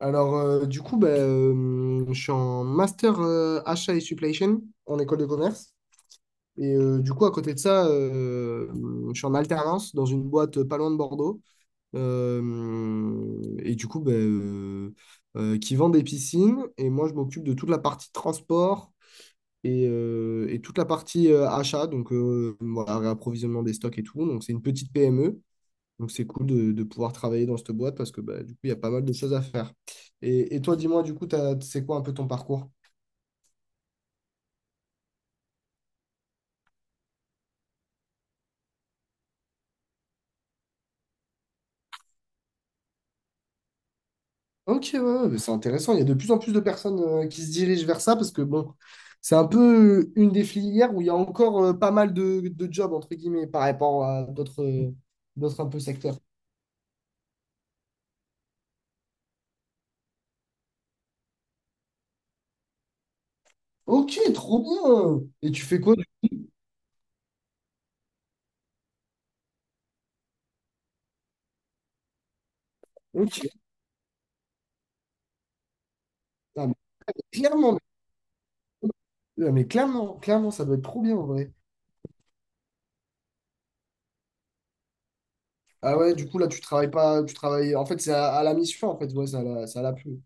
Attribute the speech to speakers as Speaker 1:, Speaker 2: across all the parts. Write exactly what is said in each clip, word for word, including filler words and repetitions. Speaker 1: Alors, euh, du coup, bah, euh, je suis en master euh, achat et supply chain en école de commerce. Et euh, du coup, à côté de ça, euh, je suis en alternance dans une boîte pas loin de Bordeaux. Euh, et du coup, bah, euh, euh, qui vend des piscines. Et moi, je m'occupe de toute la partie transport et, euh, et toute la partie euh, achat, donc euh, voilà, réapprovisionnement des stocks et tout. Donc, c'est une petite P M E. Donc c'est cool de, de pouvoir travailler dans cette boîte parce que bah, du coup, il y a pas mal de choses à faire. Et, et toi, dis-moi, du coup, t'as- c'est quoi un peu ton parcours? Ok, ouais, ouais, mais c'est intéressant. Il y a de plus en plus de personnes euh, qui se dirigent vers ça parce que bon, c'est un peu euh, une des filières où il y a encore euh, pas mal de, de jobs, entre guillemets, par rapport à d'autres euh, d'autres un peu secteurs. Ok, trop bien. Et tu fais quoi? du- Ok. Ah, mais clairement, mais, ah, mais clairement, clairement, ça doit être trop bien en vrai. Ah ouais, du coup, là, tu travailles pas, tu travailles. En fait, c'est à, à la mission, en fait, ouais, ça la, ça la plu. plume.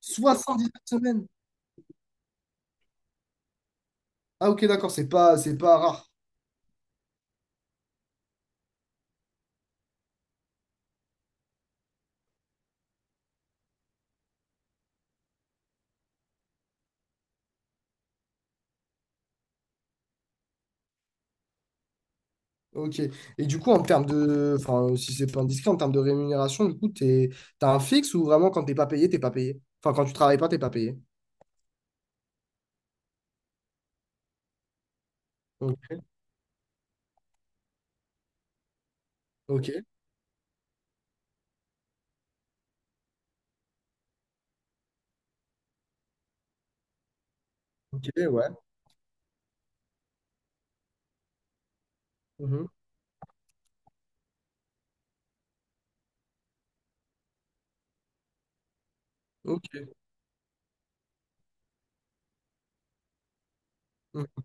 Speaker 1: soixante-dix-neuf semaines. Ah ok, d'accord, c'est pas, c'est pas rare. Ok. Et du coup, en termes de. Enfin, euh, si c'est pas indiscret, en termes de rémunération, du coup, t'es, t'as un fixe ou vraiment quand t'es pas payé, t'es pas payé? Enfin, quand tu travailles pas, t'es pas payé. Ok, ok, ok, ouais. Mhm. Ok. Mhm.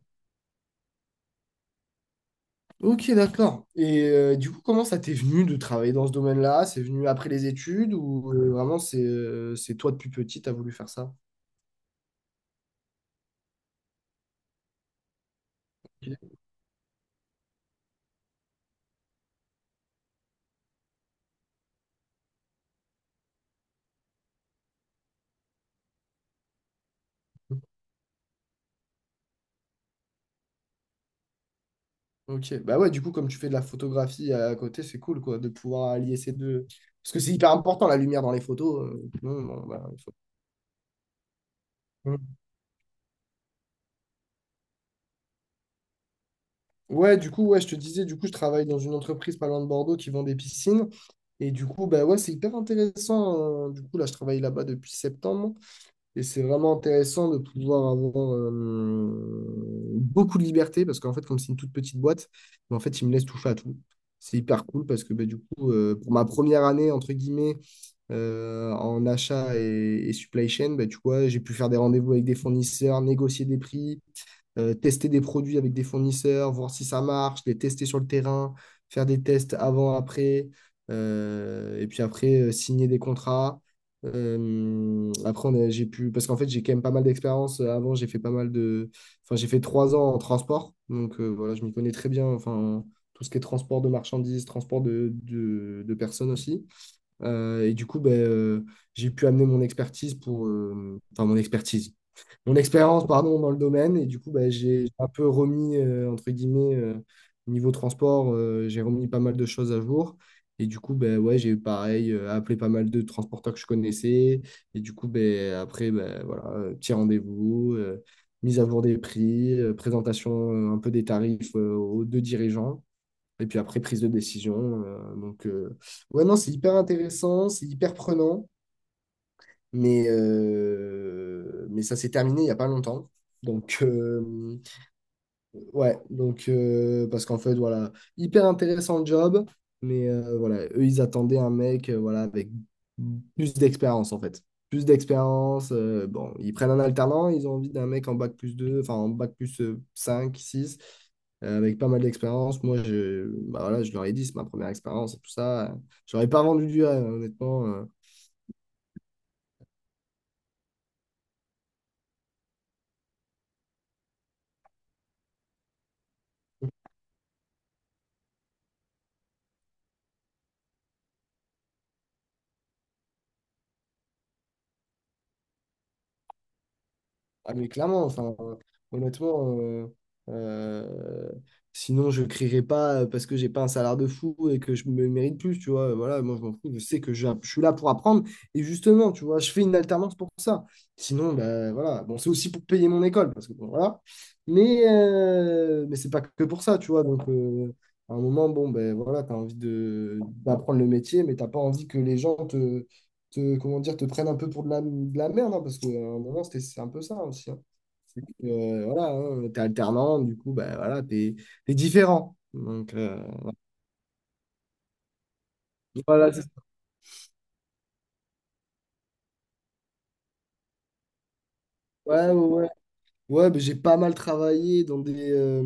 Speaker 1: Ok, d'accord. Et euh, du coup, comment ça t'est venu de travailler dans ce domaine-là? C'est venu après les études ou euh, vraiment c'est euh, c'est toi depuis petit, t'as voulu faire ça? Ok, bah ouais, du coup, comme tu fais de la photographie à à côté, c'est cool, quoi, de pouvoir allier ces deux. Parce que c'est hyper important, la lumière dans les photos. Euh, sinon, bon, bah, il faut- Mm. Ouais, du coup, ouais, je te disais, du coup, je travaille dans une entreprise pas loin de Bordeaux qui vend des piscines. Et du coup, bah ouais, c'est hyper intéressant. euh, Du coup, là, je travaille là-bas depuis septembre. Et c'est vraiment intéressant de pouvoir avoir euh, beaucoup de liberté. Parce qu'en fait, comme c'est une toute petite boîte, mais en fait, ils me laissent toucher à tout. C'est hyper cool parce que bah, du coup, euh, pour ma première année, entre guillemets, euh, en achat et, et supply chain, bah, tu vois, j'ai pu faire des rendez-vous avec des fournisseurs, négocier des prix, euh, tester des produits avec des fournisseurs, voir si ça marche, les tester sur le terrain, faire des tests avant, après, euh, et puis après, euh, signer des contrats. Euh, après, on a- j'ai pu, parce qu'en fait, j'ai quand même pas mal d'expérience. Avant, j'ai fait pas mal de, enfin, j'ai fait trois ans en transport, donc euh, voilà, je m'y connais très bien. Enfin, tout ce qui est transport de marchandises, transport de, de de personnes aussi. Euh, et du coup, ben, euh, j'ai pu amener mon expertise pour, euh, enfin mon expertise, mon expérience, pardon, dans le domaine. Et du coup, ben, j'ai j'ai un peu remis, euh, entre guillemets, euh, niveau transport, euh, j'ai remis pas mal de choses à jour. Et du coup, ben, ouais, j'ai pareil, euh, appelé pas mal de transporteurs que je connaissais. Et du coup, ben, après, ben, voilà, euh, petit rendez-vous, euh, mise à jour des prix, euh, présentation euh, un peu des tarifs, euh, aux deux dirigeants. Et puis après, prise de décision. Euh, donc, euh, ouais, non, c'est hyper intéressant, c'est hyper prenant, mais, euh, mais ça s'est terminé il n'y a pas longtemps. Donc, euh, ouais, donc euh, parce qu'en fait, voilà, hyper intéressant le job, mais euh, voilà, eux, ils attendaient un mec euh, voilà, avec plus d'expérience en fait. Plus d'expérience. Euh, bon, ils prennent un alternant, ils ont envie d'un mec en bac plus deux enfin en bac plus euh, cinq six euh, avec pas mal d'expérience. Moi, je, bah, voilà, je leur ai dit, c'est ma première expérience et tout ça. J'aurais pas vendu du rêve, hein, honnêtement. euh, Ah mais clairement, enfin, honnêtement, euh, euh, sinon je crierai pas euh, parce que j'ai pas un salaire de fou et que je me mérite plus, tu vois. Voilà, moi je m'en fous, je sais que je, je suis là pour apprendre et justement, tu vois, je fais une alternance pour ça. Sinon, ben voilà, bon, c'est aussi pour payer mon école parce que bon, voilà, mais, euh, mais c'est pas que pour ça, tu vois. Donc, euh, à un moment, bon, ben voilà, t'as envie de d'apprendre le métier, mais t'as pas envie que les gens te te, comment dire, te prennent un peu pour de la, de la merde, hein, parce qu'à un moment, c'était, c'est un peu ça aussi. Hein. C'est que, euh, voilà, hein, t'es alternant, du coup, bah, voilà, t'es, t'es différent. Donc, euh, voilà, c'est- ouais, ouais, ouais. Ouais, mais j'ai pas mal travaillé dans des, euh,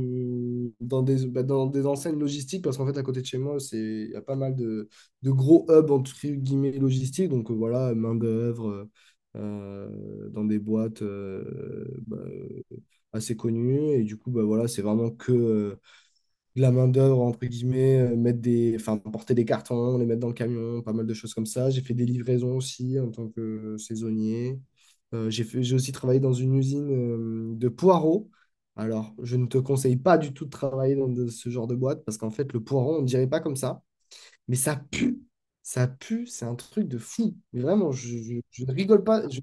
Speaker 1: dans des, bah, dans des enseignes logistiques, parce qu'en fait, à côté de chez moi, c'est, il y a pas mal de, de gros hubs, entre guillemets, logistiques. Donc, euh, voilà, main-d'œuvre, euh, euh, dans des boîtes euh, bah, euh, assez connues. Et du coup, bah, voilà, c'est vraiment que. Euh, de la main-d'œuvre, entre guillemets, euh, mettre des, enfin, porter des cartons, les mettre dans le camion, pas mal de choses comme ça. J'ai fait des livraisons aussi en tant que euh, saisonnier. Euh, j'ai fait, j'ai aussi travaillé dans une usine euh, de poireaux. Alors, je ne te conseille pas du tout de travailler dans de- ce genre de boîte parce qu'en fait, le poireau, on ne dirait pas comme ça, mais ça pue. Ça pue, c'est un truc de fou. Mais vraiment, je, je- je ne rigole pas, je,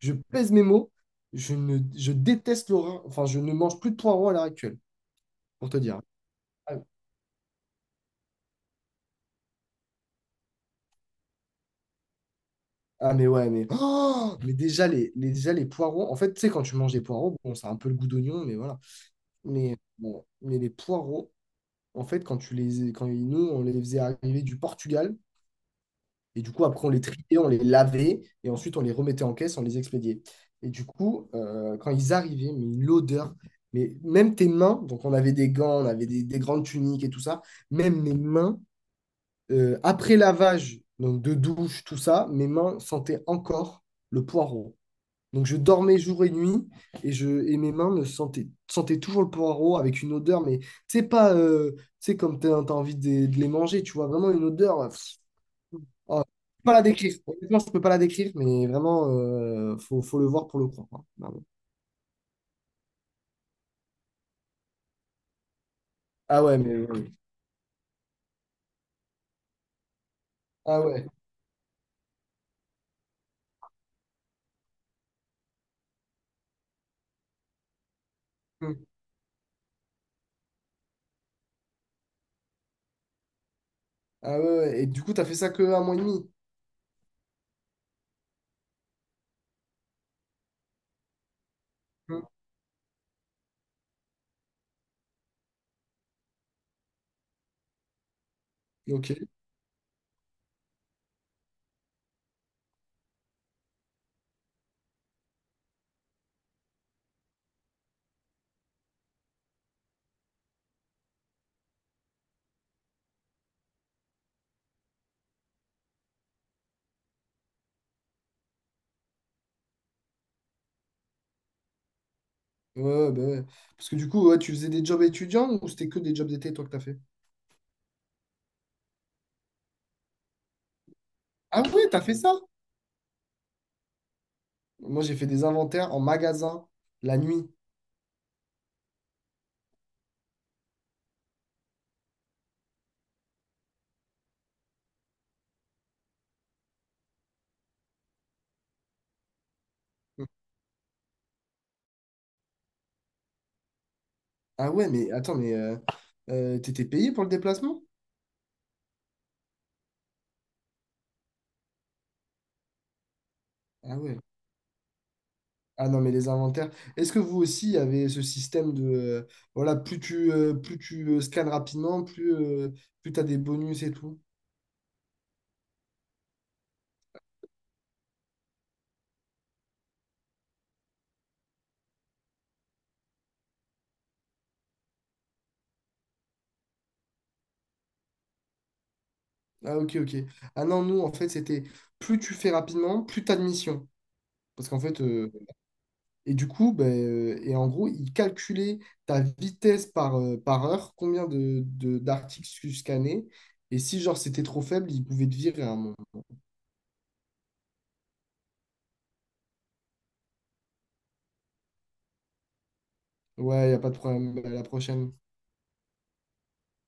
Speaker 1: je pèse mes mots. Je, ne, je déteste l'horreur. Enfin, je ne mange plus de poireaux à l'heure actuelle, pour te dire. Ah mais ouais, mais, oh mais déjà, les, les- déjà les poireaux, en fait, tu sais, quand tu manges des poireaux, bon, ça a un peu le goût d'oignon, mais voilà. Mais, bon, mais les poireaux, en fait, quand tu les, quand ils- nous, on les faisait arriver du Portugal, et du coup, après, on les triait, on les lavait, et ensuite, on les remettait en caisse, on les expédiait. Et du coup, euh, quand ils arrivaient, mais l'odeur, mais même tes mains, donc on avait des gants, on avait des, des grandes tuniques et tout ça, même mes mains, euh, après lavage, donc de douche, tout ça, mes mains sentaient encore le poireau. Donc je dormais jour et nuit et, je, et mes mains me sentaient, sentaient toujours le poireau avec une odeur, mais c'est pas euh, tu sais, comme t'as as envie de, de les manger, tu vois, vraiment une odeur. Euh, pff, oh, je peux pas la décrire. Honnêtement, je peux pas la décrire, mais vraiment, euh, faut, faut le voir pour le croire. Hein. Vraiment. Ah ouais, mais ouais. Ah ouais. Hmm. Ah ouais, ouais. Et du coup, t'as fait ça que un mois et demi. Hmm. Ok. Ouais, ouais, bah ouais. Parce que du coup, ouais, tu faisais des jobs étudiants ou c'était que des jobs d'été, toi, que t'as fait? Ah ouais, t'as fait ça? Moi, j'ai fait des inventaires en magasin la nuit. Ah ouais, mais attends, mais euh, euh, t'étais payé pour le déplacement? Ah ouais. Ah non, mais les inventaires. Est-ce que vous aussi avez ce système de euh, voilà, plus tu euh, plus tu euh, scannes rapidement, plus euh, plus t'as des bonus et tout? Ah ok, ok. Ah non, nous en fait c'était plus tu fais rapidement, plus t'as de missions. Parce qu'en fait, euh, et du coup, ben, euh, et en gros, ils calculaient ta vitesse par, euh, par heure, combien de, de- d'articles tu scannais. Et si genre c'était trop faible, ils pouvaient te virer à un moment. Ouais, il n'y a pas de problème. Bah, À la prochaine.